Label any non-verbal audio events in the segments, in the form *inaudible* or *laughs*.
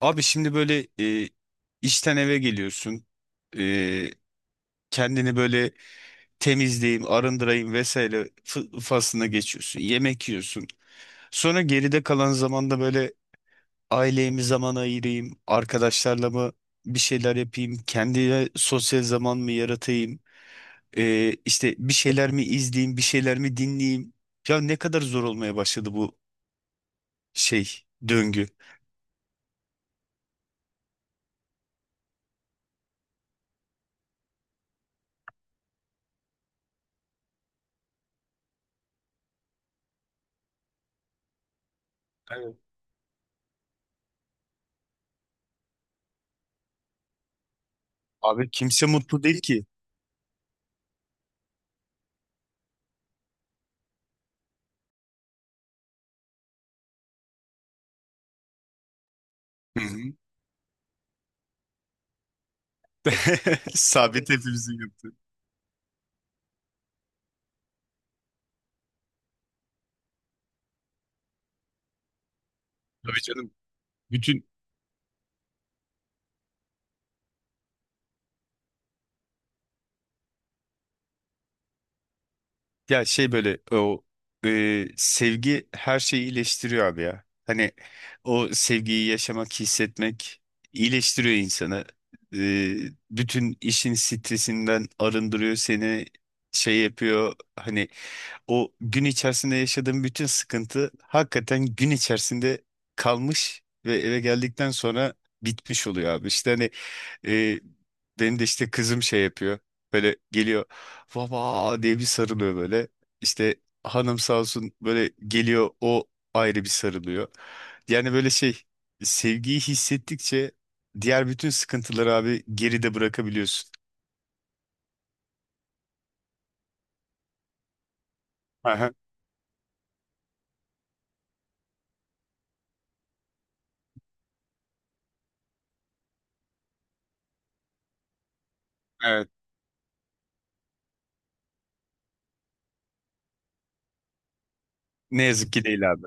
Abi şimdi böyle işten eve geliyorsun. E, kendini böyle temizleyeyim, arındırayım vesaire faslına geçiyorsun. Yemek yiyorsun. Sonra geride kalan zamanda böyle aileye mi zaman ayırayım, arkadaşlarla mı bir şeyler yapayım, kendine sosyal zaman mı yaratayım, işte bir şeyler mi izleyeyim, bir şeyler mi dinleyeyim. Ya ne kadar zor olmaya başladı bu şey, döngü. Evet. Abi kimse mutlu değil ki. Hı hı. *laughs* Sabit hepimizin yaptığı. Tabii canım. Bütün ya şey böyle o sevgi her şeyi iyileştiriyor abi ya. Hani o sevgiyi yaşamak, hissetmek iyileştiriyor insanı. E, bütün işin stresinden arındırıyor seni. Şey yapıyor hani o gün içerisinde yaşadığın bütün sıkıntı hakikaten gün içerisinde kalmış ve eve geldikten sonra bitmiş oluyor abi. İşte hani E, benim de işte kızım şey yapıyor. Böyle geliyor. Baba diye bir sarılıyor böyle. İşte hanım sağ olsun böyle geliyor o ayrı bir sarılıyor. Yani böyle şey sevgiyi hissettikçe diğer bütün sıkıntıları abi geride bırakabiliyorsun. Aha, evet. Ne yazık ki değil abi.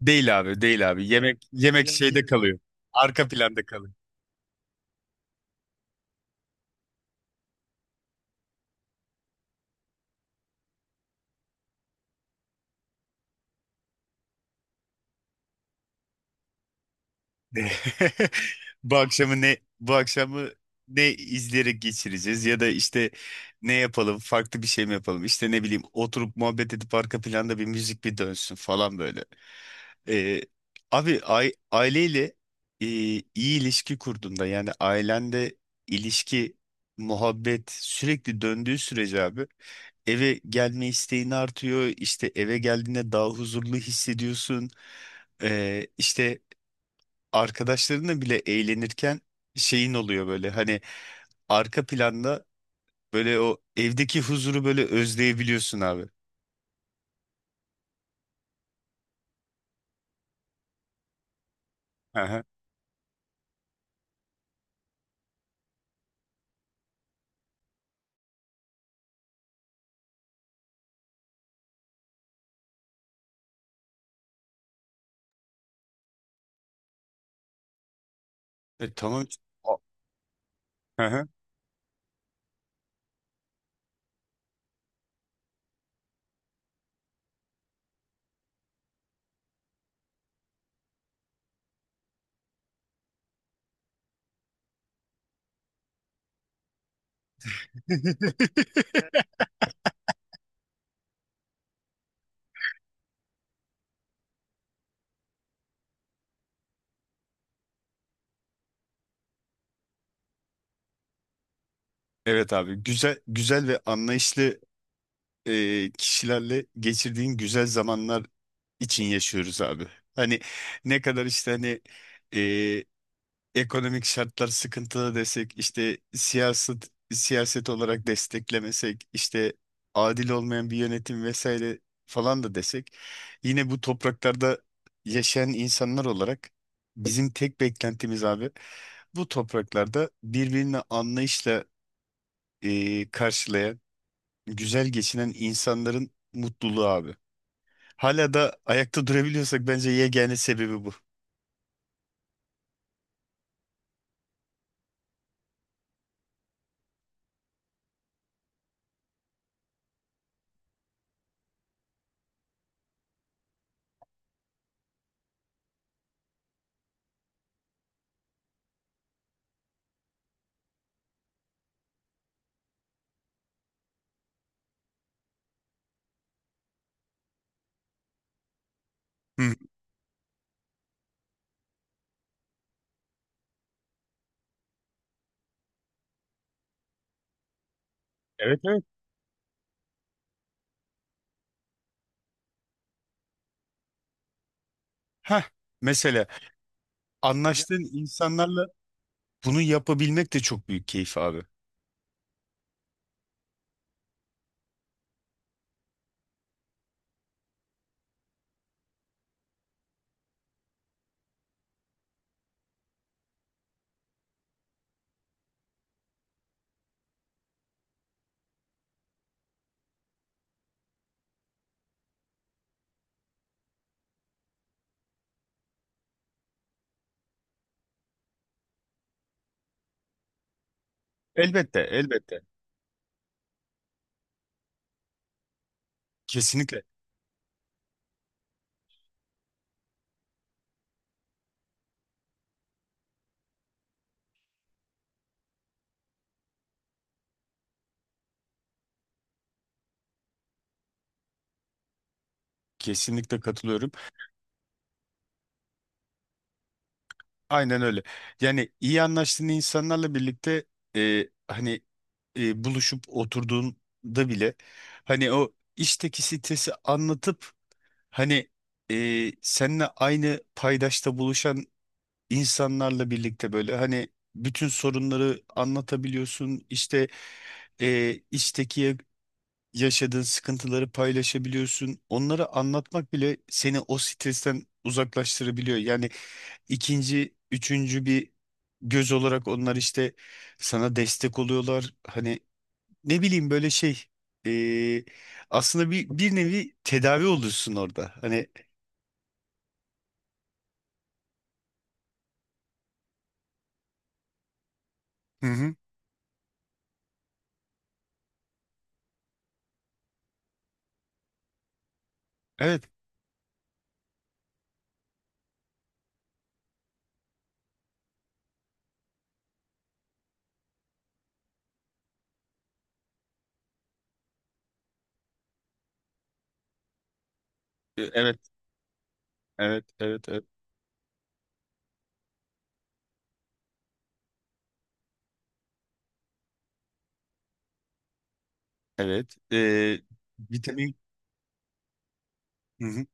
Değil abi, değil abi. Yemek yemek şeyde kalıyor. Arka planda kalıyor. Ne- *laughs* bu akşamı ne izleyerek geçireceğiz ya da işte ne yapalım, farklı bir şey mi yapalım, işte ne bileyim, oturup muhabbet edip arka planda bir müzik bir dönsün falan böyle. Ee, abi aileyle iyi ilişki kurduğunda, yani ailende ilişki muhabbet sürekli döndüğü sürece abi, eve gelme isteğin artıyor, işte eve geldiğinde daha huzurlu hissediyorsun. İşte arkadaşlarınla bile eğlenirken şeyin oluyor böyle, hani arka planda böyle o evdeki huzuru böyle özleyebiliyorsun abi. Hı hı. Tamam. A- Hı hı. Evet abi, güzel güzel ve anlayışlı kişilerle geçirdiğin güzel zamanlar için yaşıyoruz abi. Hani ne kadar işte hani e, ekonomik şartlar sıkıntılı desek, işte siyaset siyaset olarak desteklemesek, işte adil olmayan bir yönetim vesaire falan da desek, yine bu topraklarda yaşayan insanlar olarak bizim tek beklentimiz abi, bu topraklarda birbirini anlayışla karşılayan, güzel geçinen insanların mutluluğu abi. Hala da ayakta durabiliyorsak bence yegane sebebi bu. Hı. Evet, evet. Heh, mesela ya, anlaştığın insanlarla bunu yapabilmek de çok büyük keyif abi. Elbette, elbette. Kesinlikle. Kesinlikle katılıyorum. Aynen öyle. Yani iyi anlaştığın insanlarla birlikte hani buluşup oturduğunda bile, hani o işteki stresi anlatıp hani seninle aynı paydaşta buluşan insanlarla birlikte böyle, hani bütün sorunları anlatabiliyorsun. İşte iştekiye yaşadığın sıkıntıları paylaşabiliyorsun. Onları anlatmak bile seni o stresten uzaklaştırabiliyor. Yani ikinci, üçüncü bir göz olarak onlar işte sana destek oluyorlar. Hani ne bileyim, böyle şey, e, aslında bir nevi tedavi oluyorsun orada. Hani hı hı, evet, evet, evet, evet, evet, evet. Vitamin, hı hı,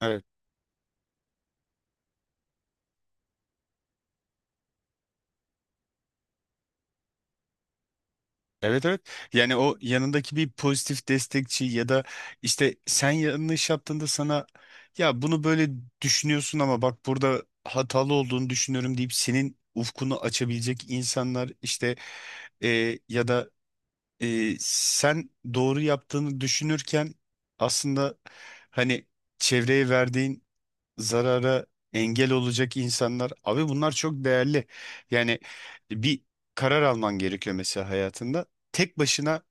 evet. Evet, evet. Yani o yanındaki bir pozitif destekçi, ya da işte sen yanlış yaptığında sana, ya bunu böyle düşünüyorsun ama bak burada hatalı olduğunu düşünüyorum deyip senin ufkunu açabilecek insanlar, işte ya da sen doğru yaptığını düşünürken aslında hani çevreye verdiğin zarara engel olacak insanlar. Abi bunlar çok değerli. Yani bir karar alman gerekiyor mesela hayatında. Tek başına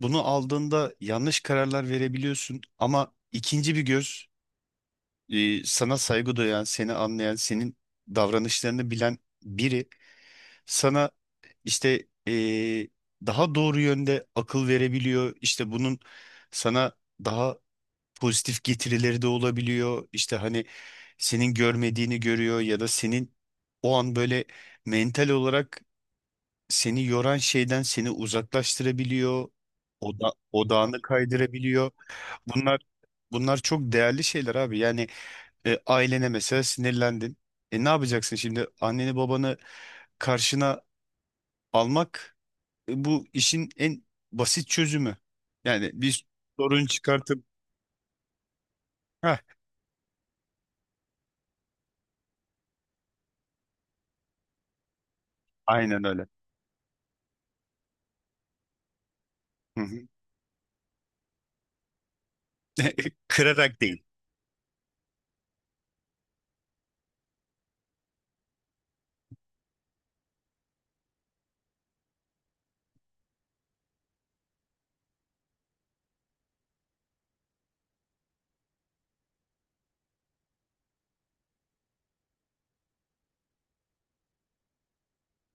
bunu aldığında yanlış kararlar verebiliyorsun ama ikinci bir göz, sana saygı duyan, seni anlayan, senin davranışlarını bilen biri sana işte daha doğru yönde akıl verebiliyor. İşte bunun sana daha pozitif getirileri de olabiliyor. İşte hani senin görmediğini görüyor ya da senin o an böyle mental olarak seni yoran şeyden seni uzaklaştırabiliyor. Odağını kaydırabiliyor. Bunlar bunlar çok değerli şeyler abi. Yani ailene mesela sinirlendin. E, ne yapacaksın şimdi? Anneni babanı karşına almak, bu işin en basit çözümü. Yani bir sorun çıkartıp. Heh, aynen öyle. Hı hı. *laughs* Kırarak değil.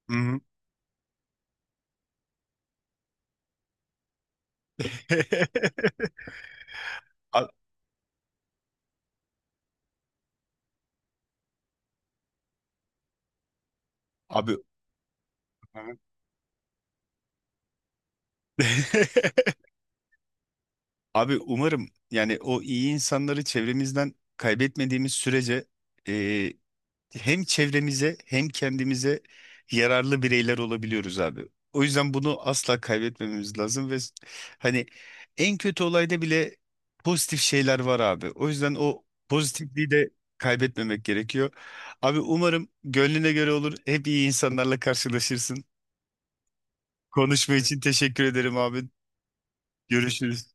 Hı hı. *laughs* A- Abi. *laughs* Abi umarım, yani o iyi insanları çevremizden kaybetmediğimiz sürece e, hem çevremize hem kendimize yararlı bireyler olabiliyoruz abi. O yüzden bunu asla kaybetmememiz lazım ve hani en kötü olayda bile pozitif şeyler var abi. O yüzden o pozitifliği de kaybetmemek gerekiyor. Abi umarım gönlüne göre olur. Hep iyi insanlarla karşılaşırsın. Konuşma için teşekkür ederim abi. Görüşürüz.